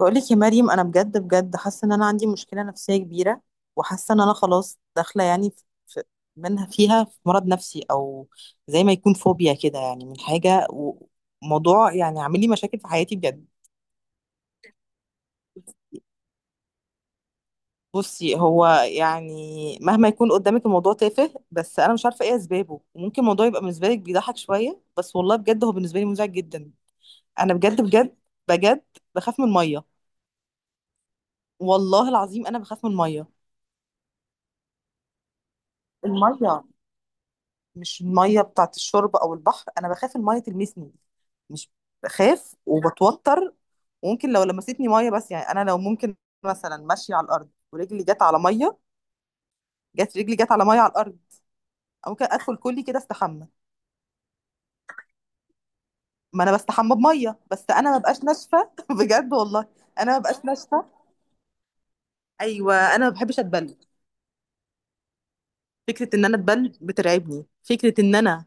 بقولك يا مريم، انا بجد بجد حاسه ان انا عندي مشكله نفسيه كبيره. وحاسه ان انا خلاص داخله يعني في منها، فيها في مرض نفسي، او زي ما يكون فوبيا كده، يعني من حاجه وموضوع، يعني عامل لي مشاكل في حياتي بجد. بصي، هو يعني مهما يكون قدامك الموضوع تافه، بس انا مش عارفه ايه اسبابه، وممكن الموضوع يبقى بالنسبه لك بيضحك شويه، بس والله بجد هو بالنسبه لي مزعج جدا. انا بجد بجد بجد بخاف من الميه. والله العظيم انا بخاف من الميه. الميه، مش الميه بتاعت الشرب او البحر، انا بخاف الميه تلمسني. مش، بخاف وبتوتر، وممكن لو لمستني ميه بس. يعني انا لو ممكن مثلا ماشيه على الارض ورجلي جت على ميه، رجلي جت على ميه على الارض. أو ممكن ادخل كلي كده استحمى. ما انا بستحمى بميه، بس انا ما ببقاش ناشفه بجد والله. انا ما ببقاش ناشفه. ايوه، انا ما بحبش اتبل. فكره ان انا اتبل بترعبني، فكره ان انا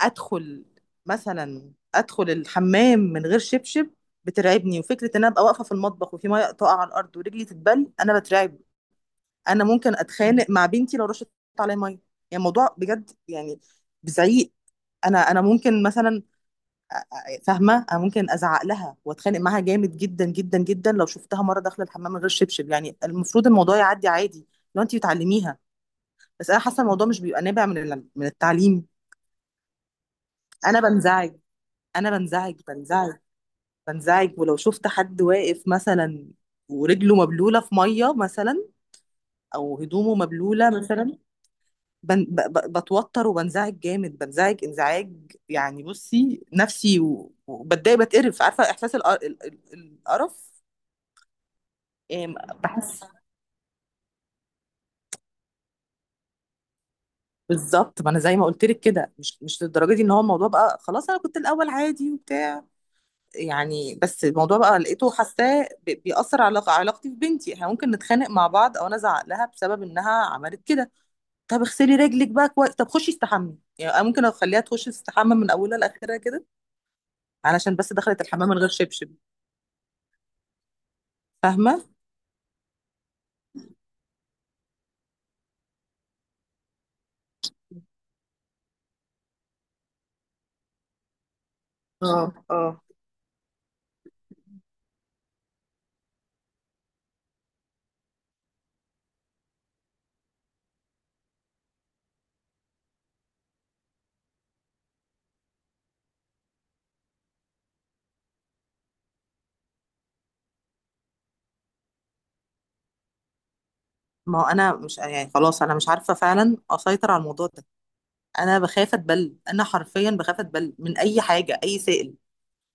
ادخل ادخل الحمام من غير شبشب بترعبني، وفكره ان انا ابقى واقفه في المطبخ وفي ميه تقع على الارض ورجلي تتبل انا بترعب. انا ممكن اتخانق مع بنتي لو رشت عليا ميه، يعني الموضوع بجد يعني بزعيق. انا ممكن مثلا فاهمه، انا ممكن ازعق لها واتخانق معاها جامد جدا جدا جدا لو شفتها مره داخله الحمام من غير شبشب، يعني المفروض الموضوع يعدي عادي لو انت بتعلميها، بس انا حاسه الموضوع مش بيبقى نابع من التعليم. انا بنزعج، انا بنزعج، بنزعج، بنزعج ولو شفت حد واقف مثلا ورجله مبلولة في مية مثلا، أو هدومه مبلولة مثلا. بن ب ب بتوتر وبنزعج جامد، بنزعج انزعاج. يعني بصي نفسي، وبتضايق، بتقرف، عارفة إحساس القرف. إيه، بحس. بالظبط، ما أنا زي ما قلت لك كده، مش للدرجة دي، إن هو الموضوع بقى خلاص. أنا كنت الأول عادي وبتاع يعني، بس الموضوع بقى لقيته حاساه بيأثر على علاقتي ببنتي. احنا ممكن نتخانق مع بعض أو أنا أزعق لها بسبب إنها عملت كده. طب اغسلي رجلك بقى كويس، طب خشي استحمي، يعني أنا ممكن اخليها تخش تستحمى من اولها لاخرها كده علشان بس دخلت الحمام من غير شبشب. فاهمه. اه، اه. ما هو انا مش يعني خلاص، انا مش عارفه فعلا اسيطر على الموضوع ده. انا بخاف اتبل، انا حرفيا بخاف اتبل من اي حاجه، اي سائل.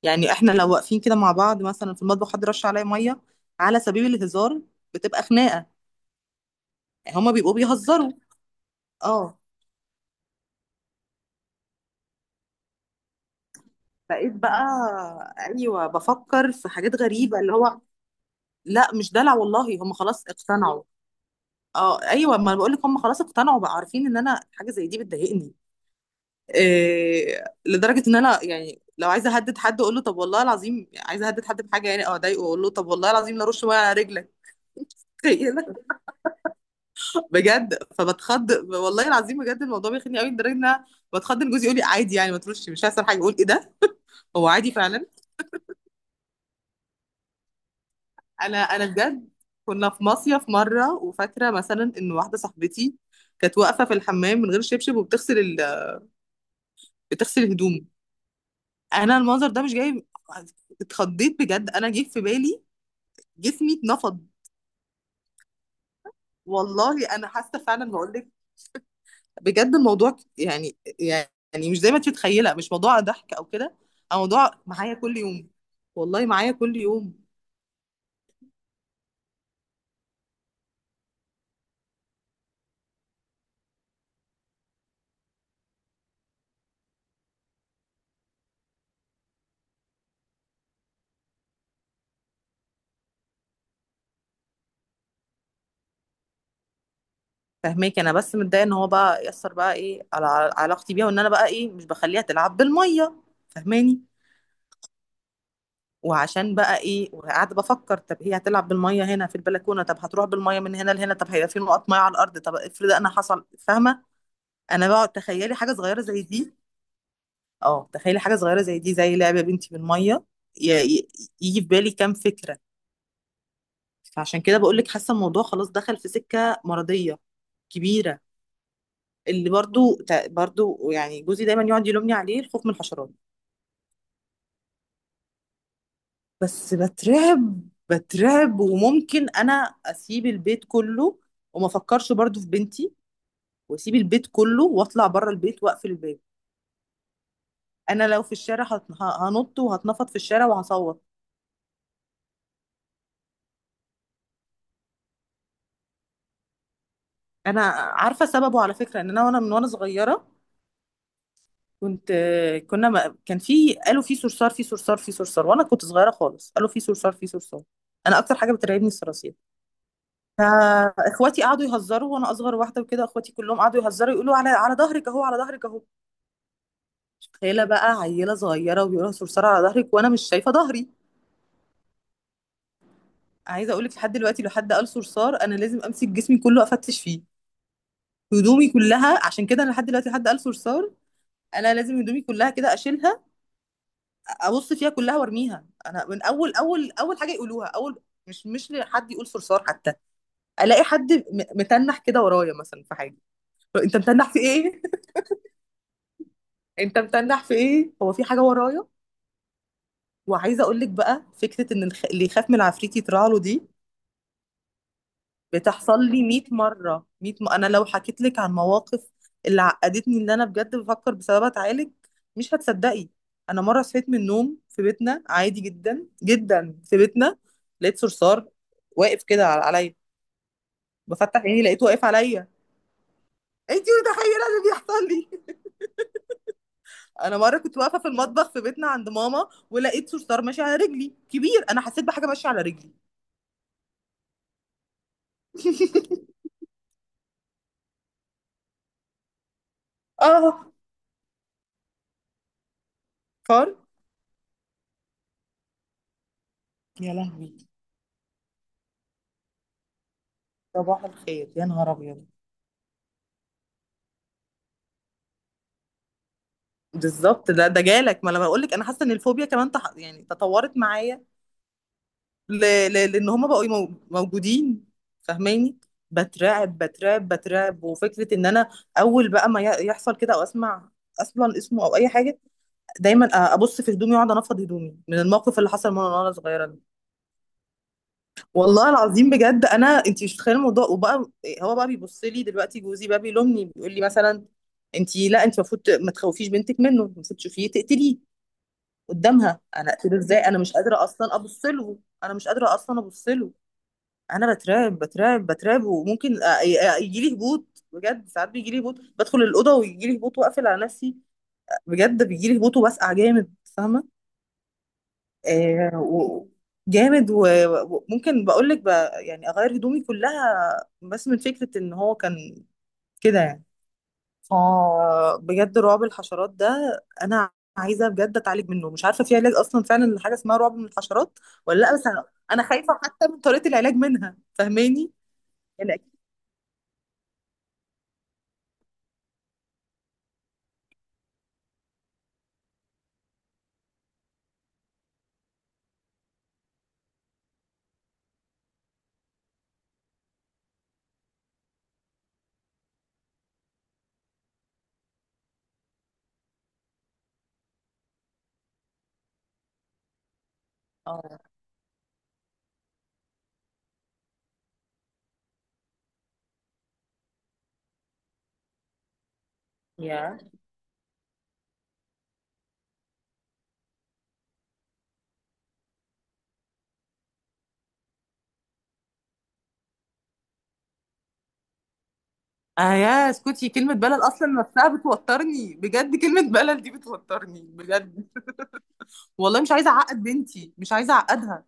يعني احنا لو واقفين كده مع بعض مثلا في المطبخ، حد رش عليا ميه على سبيل الهزار، بتبقى خناقه. يعني هما بيبقوا بيهزروا. اه. بقيت بقى، ايوه، بفكر في حاجات غريبه اللي هو. لا، مش دلع والله، هم خلاص اقتنعوا. اه، ايوه، ما بقول لك هم خلاص اقتنعوا بقى، عارفين ان انا حاجه زي دي بتضايقني. إيه، لدرجه ان انا يعني لو عايزه اهدد حد، اقول له طب والله العظيم، عايزه اهدد حد بحاجه يعني، او اضايقه، اقول له طب والله العظيم لا رش ميه على رجلك. تخيل. بجد فبتخض، والله العظيم بجد الموضوع بيخني قوي، لدرجه ان انا بتخض ان جوزي يقول لي عادي يعني، ما ترش، مش هيحصل حاجه. اقول ايه ده، هو عادي فعلا. انا بجد، كنا في مصيف مره، وفاكره مثلا ان واحده صاحبتي كانت واقفه في الحمام من غير شبشب، تغسل هدومه. انا المنظر ده مش جاي. اتخضيت بجد، انا جه في بالي، جسمي اتنفض. والله انا حاسه فعلا، بقول لك بجد الموضوع يعني، مش زي ما انت متخيله، مش موضوع ضحك او كده، او موضوع معايا كل يوم. والله معايا كل يوم. فهماك. انا بس متضايقه ان هو بقى يأثر بقى ايه على علاقتي بيها، وان انا بقى ايه مش بخليها تلعب بالميه. فهماني. وعشان بقى ايه، وقاعده بفكر طب هي هتلعب بالميه هنا في البلكونه، طب هتروح بالميه من هنا لهنا، طب هيبقى في نقط ميه على الارض، طب افرض انا حصل، فاهمه. انا بقعد تخيلي حاجه صغيره زي دي. اه، تخيلي حاجه صغيره زي دي، زي لعبه بنتي بالميه، ي- ي- يجي في بالي كام فكره. فعشان كده بقول لك حاسه الموضوع خلاص دخل في سكه مرضيه كبيره. اللي برضو يعني جوزي دايما يقعد يلومني عليه، الخوف من الحشرات. بس بترعب، بترعب، وممكن انا اسيب البيت كله وما افكرش برضو في بنتي، واسيب البيت كله واطلع بره البيت واقفل الباب. انا لو في الشارع هنط، وهتنفض في الشارع، وهصوت. انا عارفه سببه على فكره، ان انا وانا وانا صغيره، كنت كنا ما كان في، قالوا في صرصار، في صرصار، في صرصار، وانا كنت صغيره خالص، قالوا في صرصار، في صرصار. انا اكتر حاجه بترعبني الصراصير. فاخواتي قعدوا يهزروا، وانا اصغر واحده وكده، اخواتي كلهم قعدوا يهزروا يقولوا على ظهرك اهو، على ظهرك اهو. تخيله بقى، عيله صغيره وبيقولها صرصار على ظهرك وانا مش شايفه ظهري. عايزه اقول لك لحد دلوقتي، لو حد قال صرصار، انا لازم امسك جسمي كله افتش فيه، هدومي كلها. عشان كده انا لحد دلوقتي لحد قال صرصار انا لازم هدومي كلها كده اشيلها، ابص فيها كلها وارميها. انا من اول اول اول حاجه يقولوها اول. مش لحد يقول صرصار حتى، الاقي حد متنح كده ورايا، مثلا في حاجه. انت متنح في ايه؟ انت متنح في ايه؟ هو في حاجه ورايا؟ وعايزه اقول لك بقى، فكره ان اللي يخاف من العفريت يطلع له، دي بتحصل لي 100 مرة، انا لو حكيت لك عن مواقف اللي عقدتني، اللي انا بجد بفكر بسببها اتعالج، مش هتصدقي. انا مرة صحيت من النوم في بيتنا عادي جدا جدا، في بيتنا لقيت صرصار واقف كده عليا، بفتح عيني لقيته واقف عليا. انتي متخيلة اللي بيحصل لي؟ انا مرة كنت واقفة في المطبخ في بيتنا عند ماما، ولقيت صرصار ماشي على رجلي كبير، انا حسيت بحاجة ماشية على رجلي. اه. فار، يا لهوي. صباح الخير يا نهار ابيض. بالضبط، ده جالك. ما انا بقول لك انا حاسه ان الفوبيا كمان يعني تطورت معايا، ل... لان هما بقوا موجودين. فاهماني. بترعب، بترعب، بترعب، وفكره ان انا اول بقى ما يحصل كده، او اسمع اصلا اسمه او اي حاجه، دايما ابص في هدومي واقعد انفض هدومي من الموقف اللي حصل من وانا صغيره ده. والله العظيم بجد انا، انت مش متخيله الموضوع. وبقى هو بقى بيبص لي دلوقتي، جوزي بقى بيلومني، بيقول لي مثلا انت، لا انت المفروض ما تخوفيش بنتك منه، المفروض تشوفيه تقتليه قدامها. انا اقتله ازاي؟ انا مش قادره اصلا ابص له، انا مش قادره اصلا ابص له. انا بترعب، بترعب، بترعب، وممكن يجي لي هبوط بجد، ساعات بيجي لي هبوط، بدخل الاوضه ويجي لي هبوط واقفل على نفسي، بجد بيجي لي هبوط وبسقع جامد، فاهمه؟ آه و... جامد. وممكن بقول لك يعني اغير هدومي كلها، بس من فكره ان هو كان كده يعني. اه بجد رعب الحشرات ده، انا عايزه بجد اتعالج منه، مش عارفه في علاج اصلا فعلا حاجه اسمها رعب من الحشرات ولا لا؟ بس أنا خايفه حتى من طريقه العلاج منها، فاهماني؟ يعني اه يا اه يا اسكتي، كلمه بلل اصلا نفسها بتوترني بجد، كلمه بلل دي بتوترني بجد. والله مش عايزه اعقد بنتي، مش عايزه اعقدها.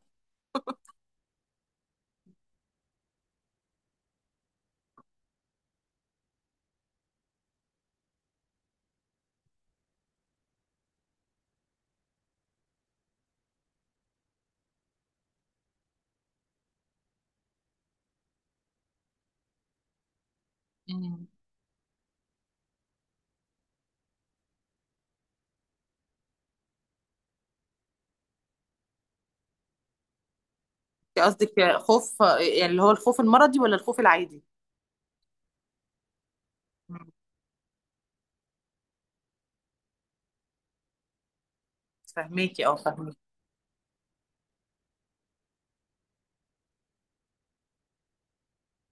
امم قصدك خوف، يعني اللي هو الخوف المرضي ولا الخوف العادي؟ مم. فهماكي، اه فهماكي.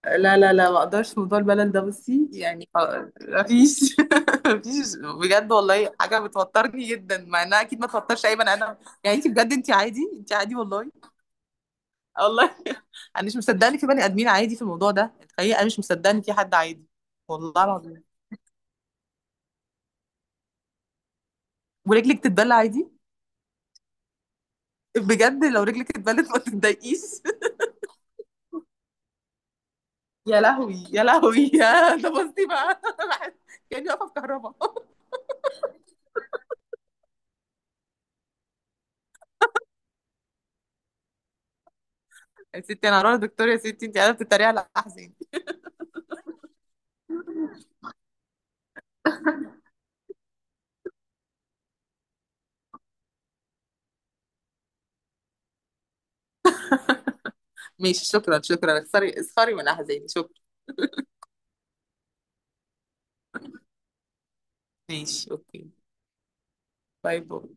لا، لا، لا، ما اقدرش. موضوع الملل ده بصي يعني خلاص، مفيش مفيش. بجد والله حاجه بتوترني جدا، مع انها اكيد ما توترش اي بني ادم. يعني انت بجد، انت عادي، انت عادي والله. والله انا مش مصدقه ان في بني ادمين عادي في الموضوع ده، الحقيقه انا مش مصدقه ان في حد عادي. والله العظيم. ورجلك تتبل عادي؟ بجد لو رجلك اتبلت ما تتضايقيش؟ يا لهوي، يا لهوي. يا ده، بصي بقى. أنا بحس كاني واقفه في كهرباء. يا ستي انا هروح للدكتور. يا ستي انت قاعده بتتريقي على احزان. ماشي، شكرا، شكرا. اختاري، اختاري من أحزاني. شكرا. ماشي، أوكي. باي باي.